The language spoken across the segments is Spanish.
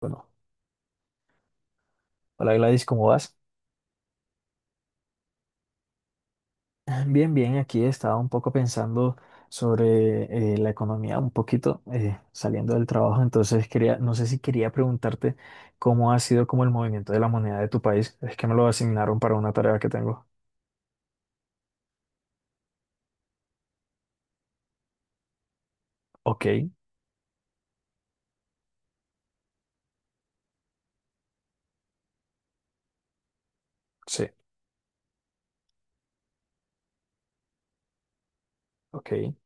Bueno, hola Gladys, ¿cómo vas? Bien, bien, aquí estaba un poco pensando sobre la economía, un poquito saliendo del trabajo, entonces quería, no sé si quería preguntarte cómo ha sido como el movimiento de la moneda de tu país, es que me lo asignaron para una tarea que tengo. Ok, sí, ok,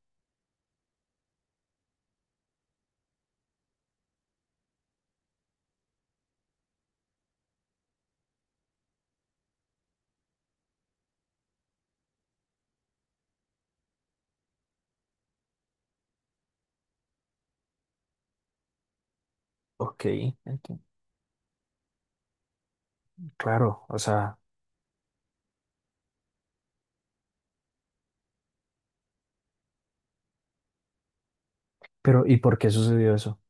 ok, enti- claro, o sea, pero ¿y por qué sucedió eso?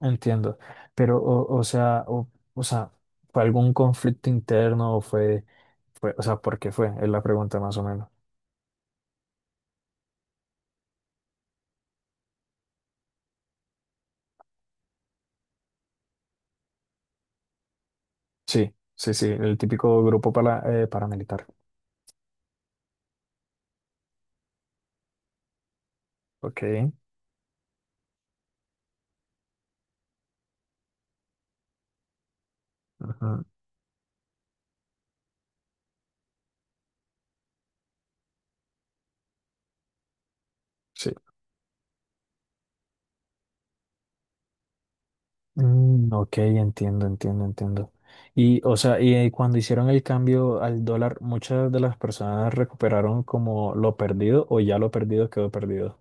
Entiendo, pero o sea, ¿fue algún conflicto interno o fue, o sea, ¿por qué fue? Es la pregunta más o menos. Sí, sí, sí, el típico grupo paramilitar. Ok. Ajá, sí. Mm, ok, entiendo, entiendo, entiendo. Y, o sea, cuando hicieron el cambio al dólar, ¿muchas de las personas recuperaron como lo perdido o ya lo perdido quedó perdido?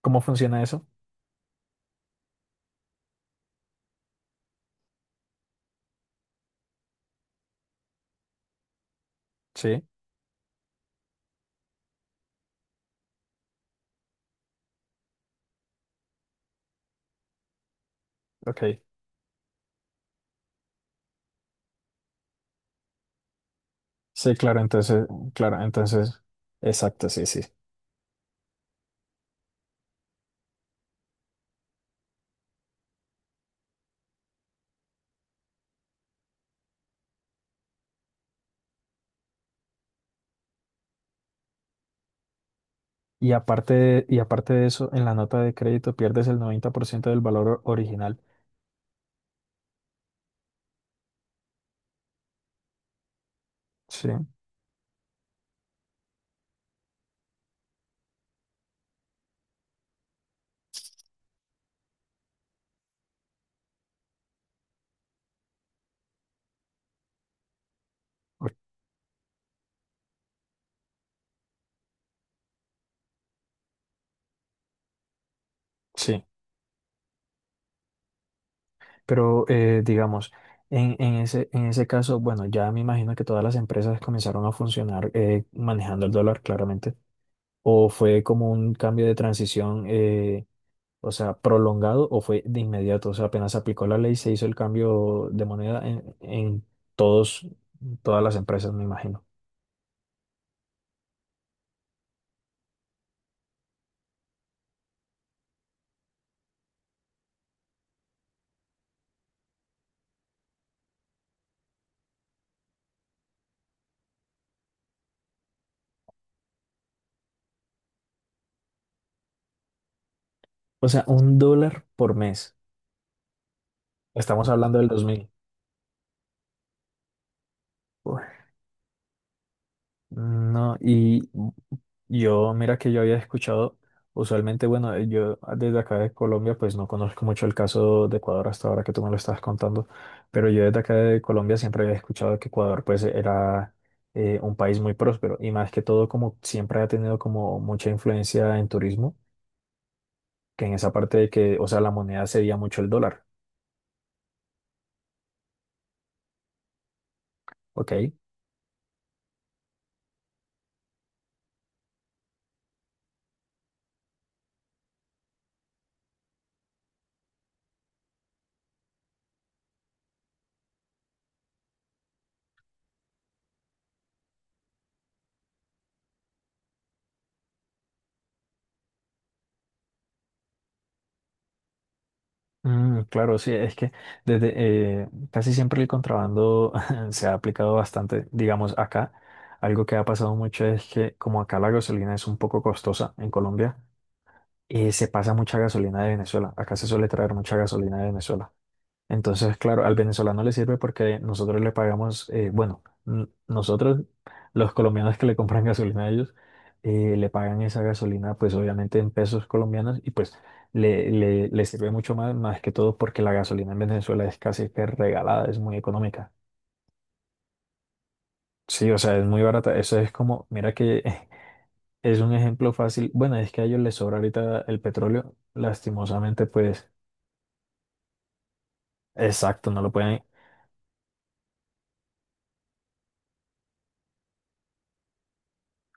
¿Cómo funciona eso? Sí, ok. Sí, claro, entonces, exacto, sí, sí. Y aparte de eso, en la nota de crédito pierdes el 90% del valor original. Sí, o- sí. Pero digamos, en ese caso, bueno, ya me imagino que todas las empresas comenzaron a funcionar manejando el dólar, claramente. ¿O fue como un cambio de transición, o sea, prolongado, o fue de inmediato? O sea, apenas aplicó la ley, se hizo el cambio de moneda en todos, todas las empresas, me imagino. O sea, un dólar por mes. Estamos hablando del 2000. Uf, no, y yo, mira que yo había escuchado, usualmente, bueno, yo desde acá de Colombia, pues no conozco mucho el caso de Ecuador hasta ahora que tú me lo estabas contando, pero yo desde acá de Colombia siempre había escuchado que Ecuador, pues, era un país muy próspero y más que todo, como siempre ha tenido como mucha influencia en turismo, que en esa parte de que, o sea, la moneda sería mucho el dólar, ¿ok? Mm, claro, sí, es que desde casi siempre el contrabando se ha aplicado bastante, digamos, acá. Algo que ha pasado mucho es que como acá la gasolina es un poco costosa en Colombia, se pasa mucha gasolina de Venezuela. Acá se suele traer mucha gasolina de Venezuela. Entonces, claro, al venezolano le sirve porque nosotros le pagamos, bueno, nosotros, los colombianos que le compran gasolina a ellos, le pagan esa gasolina, pues obviamente en pesos colombianos y pues le sirve mucho más, más que todo porque la gasolina en Venezuela es casi que regalada, es muy económica. Sí, o sea, es muy barata. Eso es como, mira que es un ejemplo fácil. Bueno, es que a ellos les sobra ahorita el petróleo, lastimosamente, pues, exacto, no lo pueden.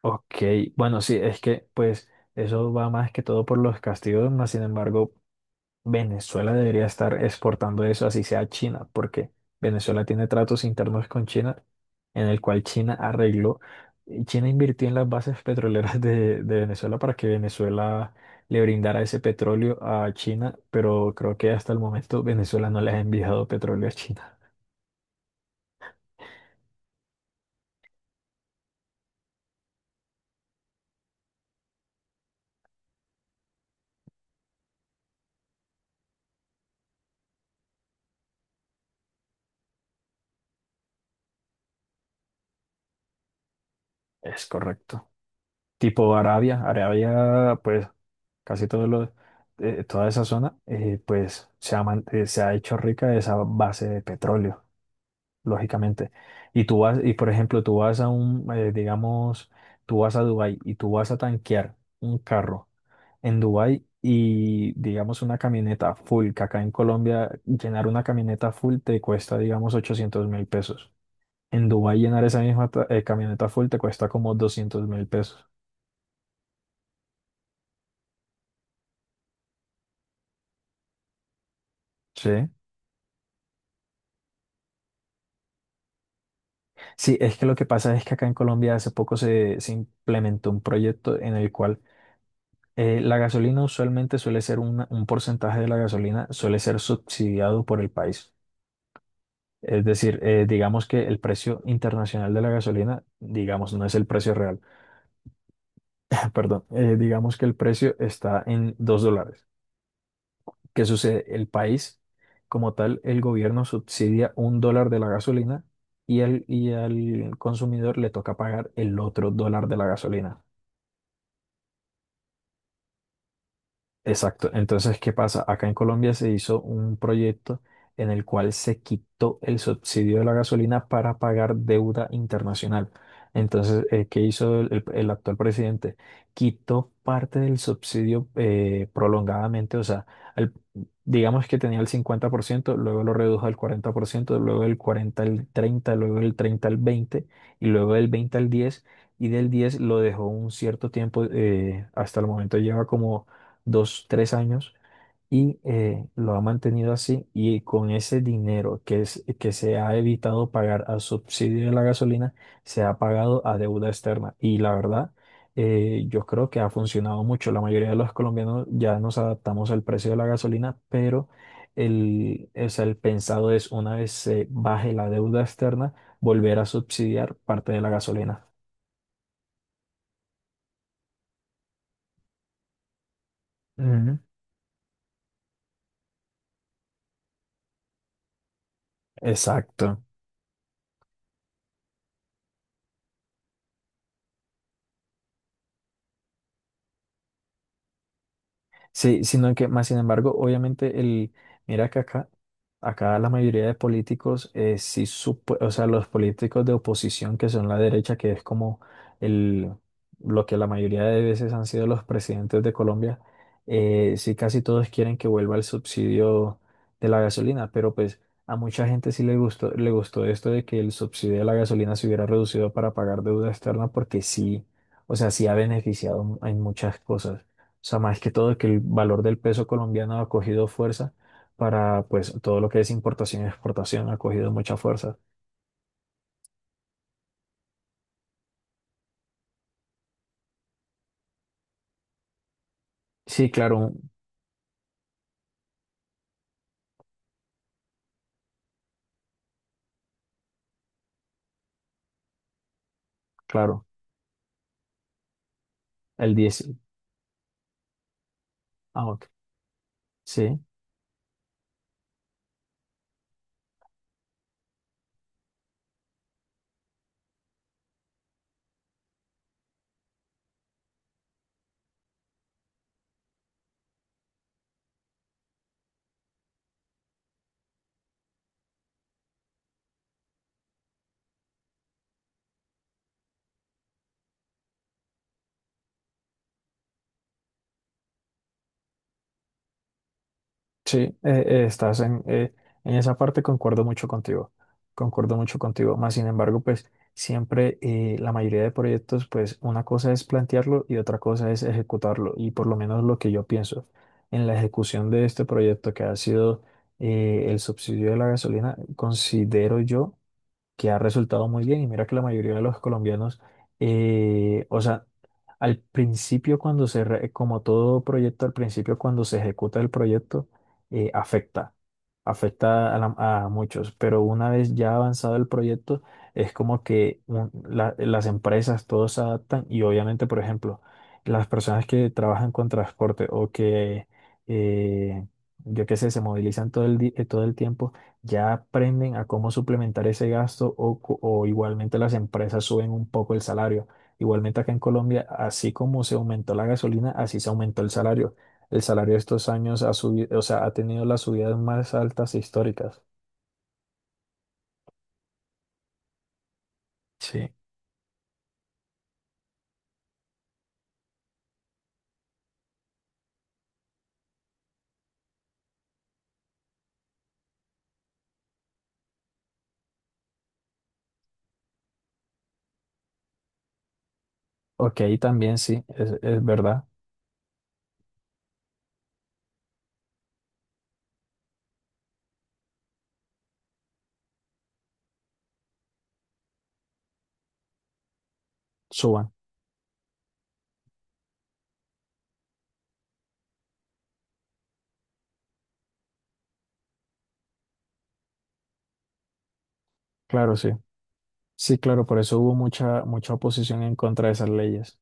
Ok, bueno, sí, es que pues eso va más que todo por los castigos, más sin embargo, Venezuela debería estar exportando eso así sea a China, porque Venezuela tiene tratos internos con China, en el cual China arregló, y China invirtió en las bases petroleras de Venezuela para que Venezuela le brindara ese petróleo a China, pero creo que hasta el momento Venezuela no le ha enviado petróleo a China. Es correcto. Tipo Arabia, Arabia pues casi toda esa zona, pues se ha hecho rica de esa base de petróleo, lógicamente. Y tú vas, y por ejemplo, tú vas a Dubái y tú vas a tanquear un carro en Dubái y, digamos, una camioneta full, que acá en Colombia llenar una camioneta full te cuesta, digamos, 800.000 pesos. En Dubái llenar esa misma camioneta full te cuesta como 200.000 pesos. Sí. Sí, es que lo que pasa es que acá en Colombia hace poco se implementó un proyecto en el cual la gasolina usualmente suele ser un porcentaje de la gasolina, suele ser subsidiado por el país. Es decir, digamos que el precio internacional de la gasolina, digamos, no es el precio real, perdón, digamos que el precio está en $2. ¿Qué sucede? El país, como tal, el gobierno subsidia un dólar de la gasolina y, al consumidor le toca pagar el otro dólar de la gasolina. Exacto. Entonces, ¿qué pasa? Acá en Colombia se hizo un proyecto en el cual se quitó el subsidio de la gasolina para pagar deuda internacional. Entonces, ¿qué hizo el actual presidente? Quitó parte del subsidio prolongadamente, o sea, al- digamos que tenía el 50%, luego lo redujo al 40%, luego del 40 al 30, luego del 30 al 20 y luego del 20 al 10 y del 10 lo dejó un cierto tiempo, hasta el momento lleva como dos, tres años y lo ha mantenido así y con ese dinero que se ha evitado pagar al subsidio de la gasolina, se ha pagado a deuda externa. Y la verdad, yo creo que ha funcionado mucho. La mayoría de los colombianos ya nos adaptamos al precio de la gasolina, pero o sea, el pensado es una vez se baje la deuda externa, volver a subsidiar parte de la gasolina. Ujú. Exacto. Sí, sino que más sin embargo, obviamente mira que acá, la mayoría de políticos, sí o sea, los políticos de oposición que son la derecha, que es como el, lo que la mayoría de veces han sido los presidentes de Colombia, sí casi todos quieren que vuelva el subsidio de la gasolina, pero pues a mucha gente sí le gustó esto de que el subsidio de la gasolina se hubiera reducido para pagar deuda externa, porque sí, o sea, sí ha beneficiado en muchas cosas. O sea, más que todo que el valor del peso colombiano ha cogido fuerza para, pues, todo lo que es importación y exportación ha cogido mucha fuerza. Sí, claro, claro, el 10 ah, ok, sí. Sí, estás en esa parte, concuerdo mucho contigo, más sin embargo, pues siempre la mayoría de proyectos, pues una cosa es plantearlo y otra cosa es ejecutarlo, y por lo menos lo que yo pienso en la ejecución de este proyecto que ha sido el subsidio de la gasolina, considero yo que ha resultado muy bien. Y mira que la mayoría de los colombianos, o sea, al principio cuando como todo proyecto, al principio cuando se ejecuta el proyecto, afecta, afecta a, la- a muchos, pero una vez ya avanzado el proyecto, es como que las empresas, todos se adaptan y obviamente, por ejemplo, las personas que trabajan con transporte o que, eh, yo qué sé, se movilizan todo el tiempo ya aprenden a cómo suplementar ese gasto o igualmente las empresas suben un poco el salario. Igualmente acá en Colombia, así como se aumentó la gasolina, así se aumentó el salario. El salario estos años ha subido, o sea, ha tenido las subidas más altas históricas. Sí. Ok, también sí, es verdad, suban, claro, sí. Sí, claro, por eso hubo mucha, mucha oposición en contra de esas leyes.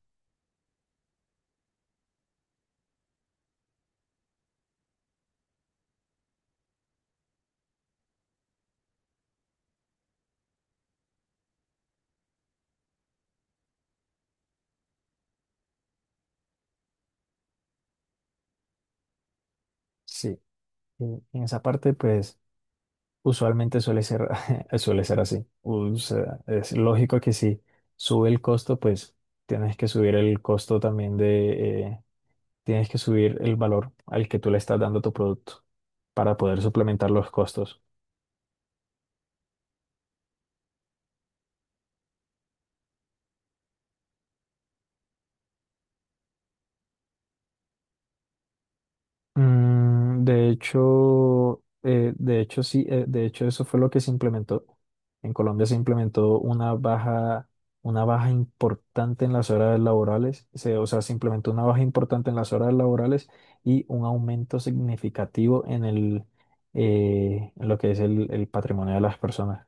Sí, y en esa parte, pues... Usualmente suele ser así. O sea, es lógico que si sube el costo, pues tienes que subir el costo también tienes que subir el valor al que tú le estás dando a tu producto para poder suplementar los costos. Mm, de hecho sí, de hecho eso fue lo que se implementó. En Colombia se implementó una baja importante en las horas laborales, o sea, se implementó una baja importante en las horas laborales y un aumento significativo en lo que es el patrimonio de las personas.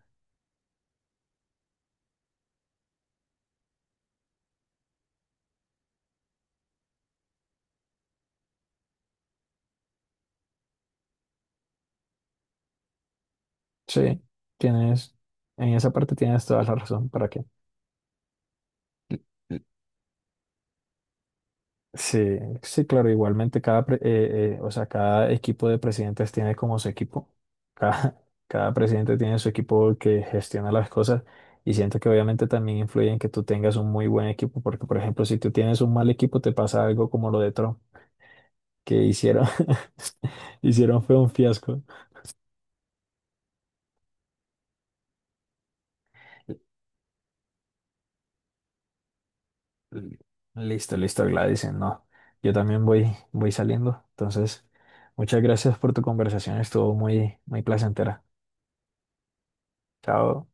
Sí, tienes, en esa parte tienes toda la razón, ¿para qué? Sí, sí, claro, igualmente o sea, cada equipo de presidentes tiene como su equipo, cada, cada presidente tiene su equipo que gestiona las cosas y siento que obviamente también influye en que tú tengas un muy buen equipo, porque por ejemplo, si tú tienes un mal equipo te pasa algo como lo de Trump, que hicieron, hicieron fue un fiasco. L- Listo, listo, Gladys, no, yo también voy saliendo, entonces muchas gracias por tu conversación, estuvo muy, muy placentera. Chao.